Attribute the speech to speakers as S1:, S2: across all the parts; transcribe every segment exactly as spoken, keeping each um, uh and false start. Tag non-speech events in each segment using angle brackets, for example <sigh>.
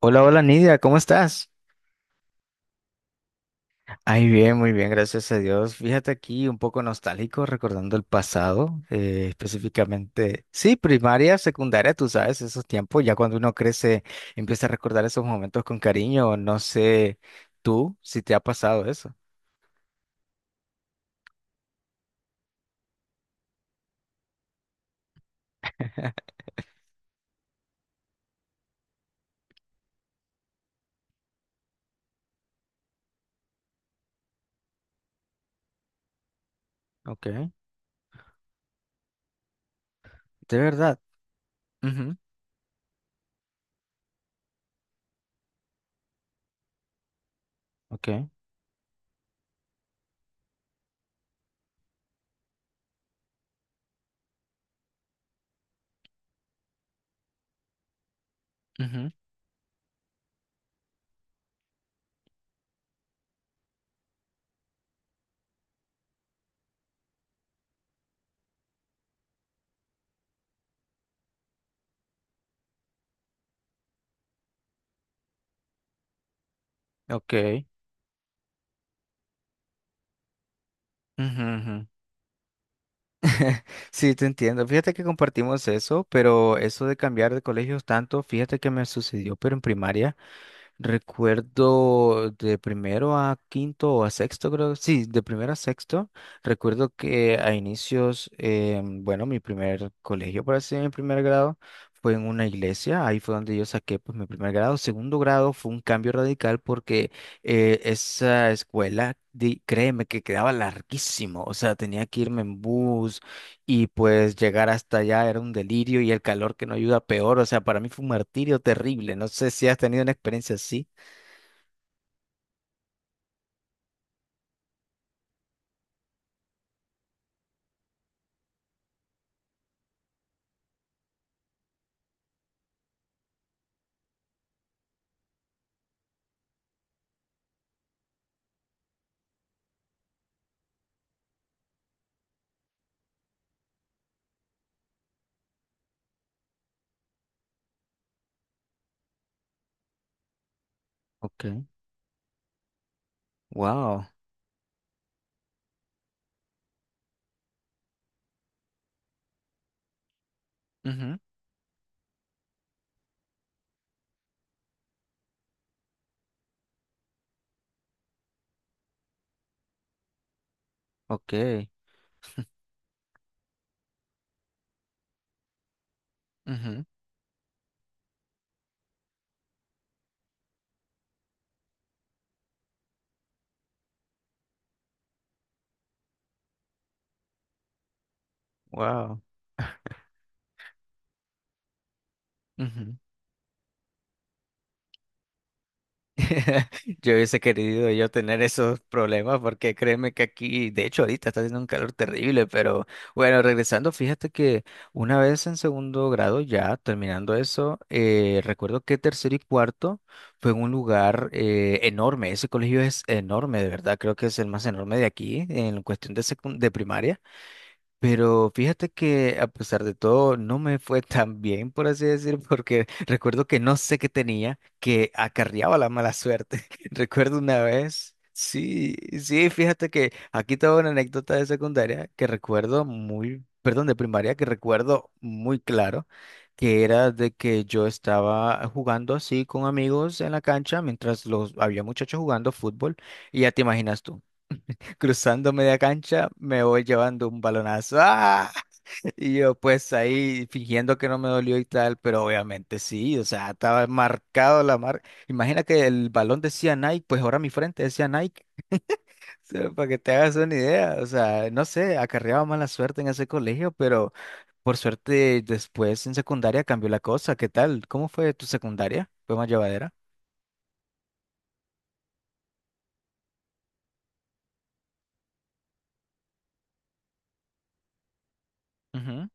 S1: Hola, hola Nidia, ¿cómo estás? Ay, bien, muy bien, gracias a Dios. Fíjate aquí un poco nostálgico recordando el pasado, eh, específicamente, sí, primaria, secundaria, tú sabes, esos tiempos, ya cuando uno crece, empieza a recordar esos momentos con cariño, no sé tú si te ha pasado eso. Ok, de verdad. Ujú. Ok, ujú, ok, ujú, ujú. Sí, te entiendo. Fíjate que compartimos eso, pero eso de cambiar de colegios tanto, fíjate que me sucedió, pero en primaria. Recuerdo de primero a quinto o a sexto, creo. Sí, de primero a sexto. Recuerdo que a inicios, eh, bueno, mi primer colegio, por así decirlo, mi primer grado, fue en una iglesia. Ahí fue donde yo saqué pues, mi primer grado. Segundo grado fue un cambio radical porque eh, esa escuela, di- créeme que quedaba larguísimo. O sea, tenía que irme en bus y pues llegar hasta allá era un delirio y el calor que no ayuda peor. O sea, para mí fue un martirio terrible. No sé si has tenido una experiencia así. Ok. Wow. Ujú. Ok, ujú. Wow. Ujú. <laughs> Yo hubiese querido yo tener esos problemas porque créeme que aquí, de hecho ahorita está haciendo un calor terrible, pero bueno, regresando, fíjate que una vez en segundo grado, ya terminando eso, eh, recuerdo que tercero y cuarto fue en un lugar eh, enorme, ese colegio es enorme, de verdad, creo que es el más enorme de aquí en cuestión de, secun- de primaria. Pero fíjate que a pesar de todo no me fue tan bien, por así decir, porque <laughs> recuerdo que no sé qué tenía, que acarreaba la mala suerte. <laughs> Recuerdo una vez, sí, sí, fíjate que aquí tengo una anécdota de secundaria que recuerdo muy, perdón, de primaria que recuerdo muy claro, que era de que yo estaba jugando así con amigos en la cancha mientras los había muchachos jugando fútbol y ya te imaginas tú cruzando media cancha, me voy llevando un balonazo. ¡Ah! Y yo pues ahí fingiendo que no me dolió y tal, pero obviamente sí, o sea, estaba marcado la marca. Imagina que el balón decía Nike, pues ahora mi frente decía Nike, <laughs> o sea, para que te hagas una idea. O sea, no sé, acarreaba mala suerte en ese colegio, pero por suerte después en secundaria cambió la cosa. ¿Qué tal? ¿Cómo fue tu secundaria? ¿Fue más llevadera? Ujú,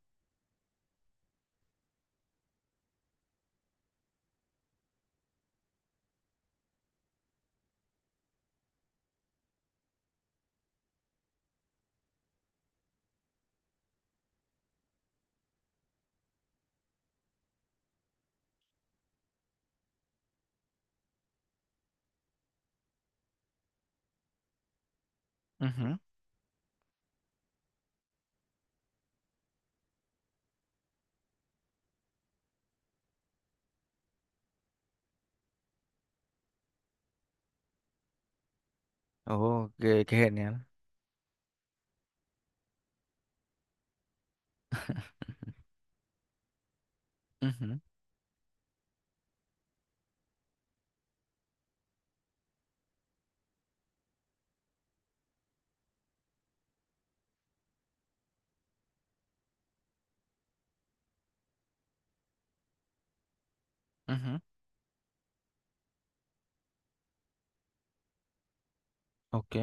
S1: ujú. Oh, qué, qué genial. <laughs> Ujú, ujú. Ok.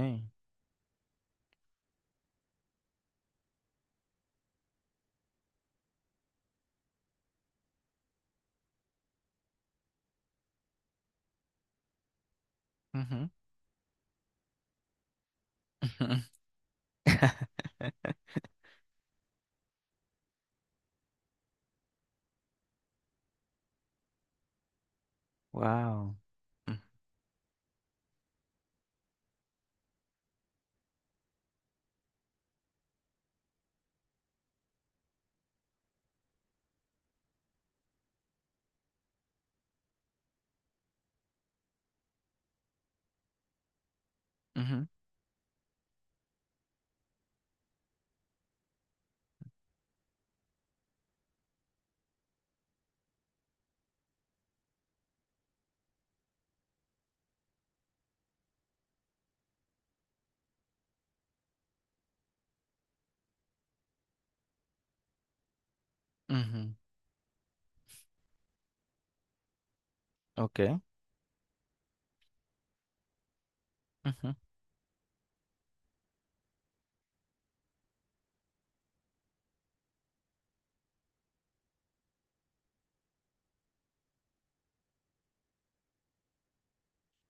S1: Ujú. Wow. <laughs> Ok.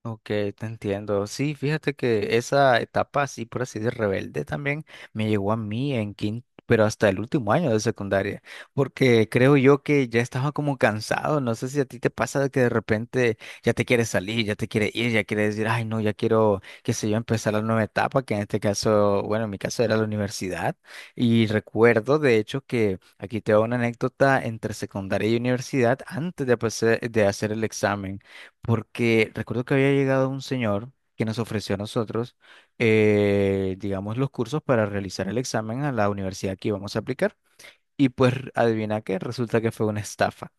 S1: Ok, te entiendo. Sí, fíjate que esa etapa así, por así de rebelde también me llegó a mí en quinto, pero hasta el último año de secundaria, porque creo yo que ya estaba como cansado. No sé si a ti te pasa de que de repente ya te quieres salir, ya te quieres ir, ya quieres decir, ay, no, ya quiero, qué sé yo, empezar la nueva etapa, que en este caso, bueno, en mi caso era la universidad. Y recuerdo, de hecho, que aquí te hago una anécdota entre secundaria y universidad antes de, pase- de hacer el examen porque recuerdo que había llegado un señor que nos ofreció a nosotros, eh, digamos, los cursos para realizar el examen a la universidad que íbamos a aplicar. Y pues adivina qué, resulta que fue una estafa.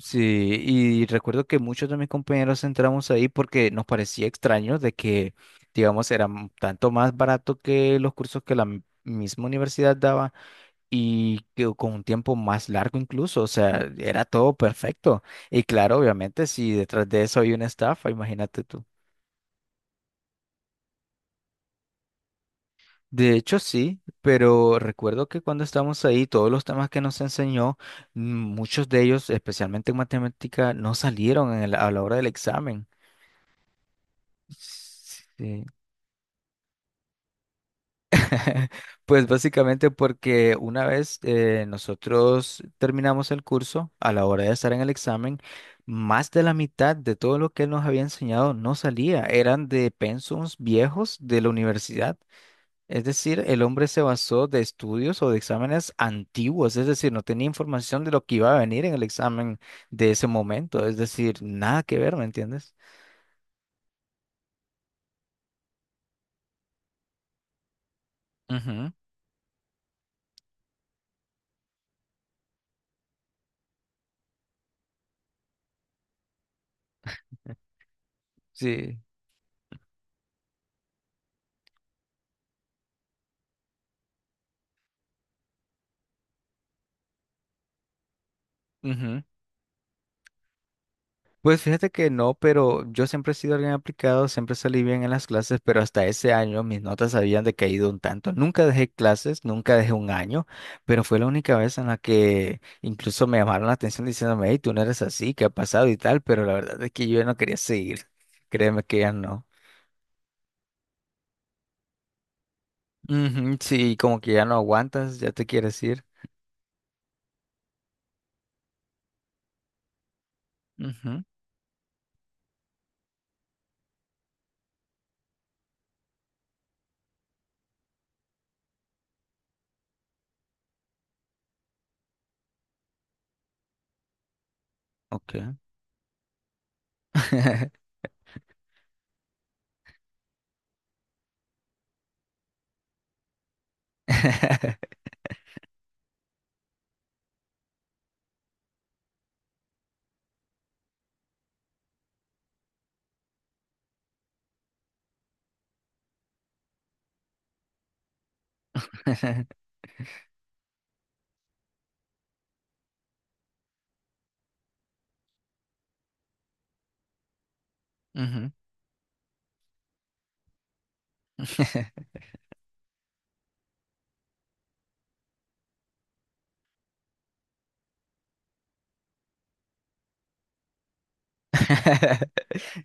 S1: Sí, y recuerdo que muchos de mis compañeros entramos ahí porque nos parecía extraño de que, digamos, era m- tanto más barato que los cursos que la m- misma universidad daba y que con un tiempo más largo incluso, o sea, era todo perfecto. Y claro, obviamente, si detrás de eso hay una estafa, imagínate tú. De hecho, sí, pero recuerdo que cuando estábamos ahí, todos los temas que nos enseñó, mm, muchos de ellos, especialmente en matemática, no salieron en el- a la hora del examen. Sí. <laughs> Pues básicamente porque una vez eh, nosotros terminamos el curso, a la hora de estar en el examen, más de la mitad de todo lo que él nos había enseñado no salía, eran de pensums viejos de la universidad. Es decir, el hombre se basó de estudios o de exámenes antiguos, es decir, no tenía información de lo que iba a venir en el examen de ese momento, es decir, nada que ver, ¿me entiendes? Ujú. Sí. Ujú. Pues fíjate que no, pero yo siempre he sido alguien aplicado, siempre salí bien en las clases, pero hasta ese año mis notas habían decaído un tanto. Nunca dejé clases, nunca dejé un año, pero fue la única vez en la que incluso me llamaron la atención diciéndome, hey, tú no eres así, ¿qué ha pasado y tal? Pero la verdad es que yo ya no quería seguir. Créeme que ya no. Ujú, sí, como que ya no aguantas, ya te quieres ir. Ujú. Ok. <laughs> Ujú. <laughs> <laughs>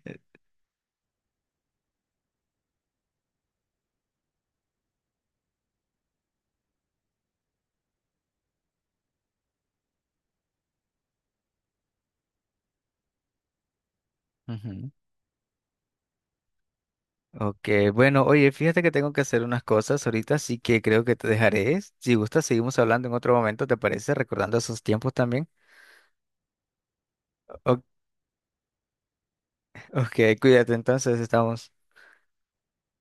S1: Ujú. <laughs> Ok, bueno, oye, fíjate que tengo que hacer unas cosas ahorita, así que creo que te dejaré. Si gustas, seguimos hablando en otro momento, ¿te parece? Recordando esos tiempos también. O- ok, cuídate, entonces estamos.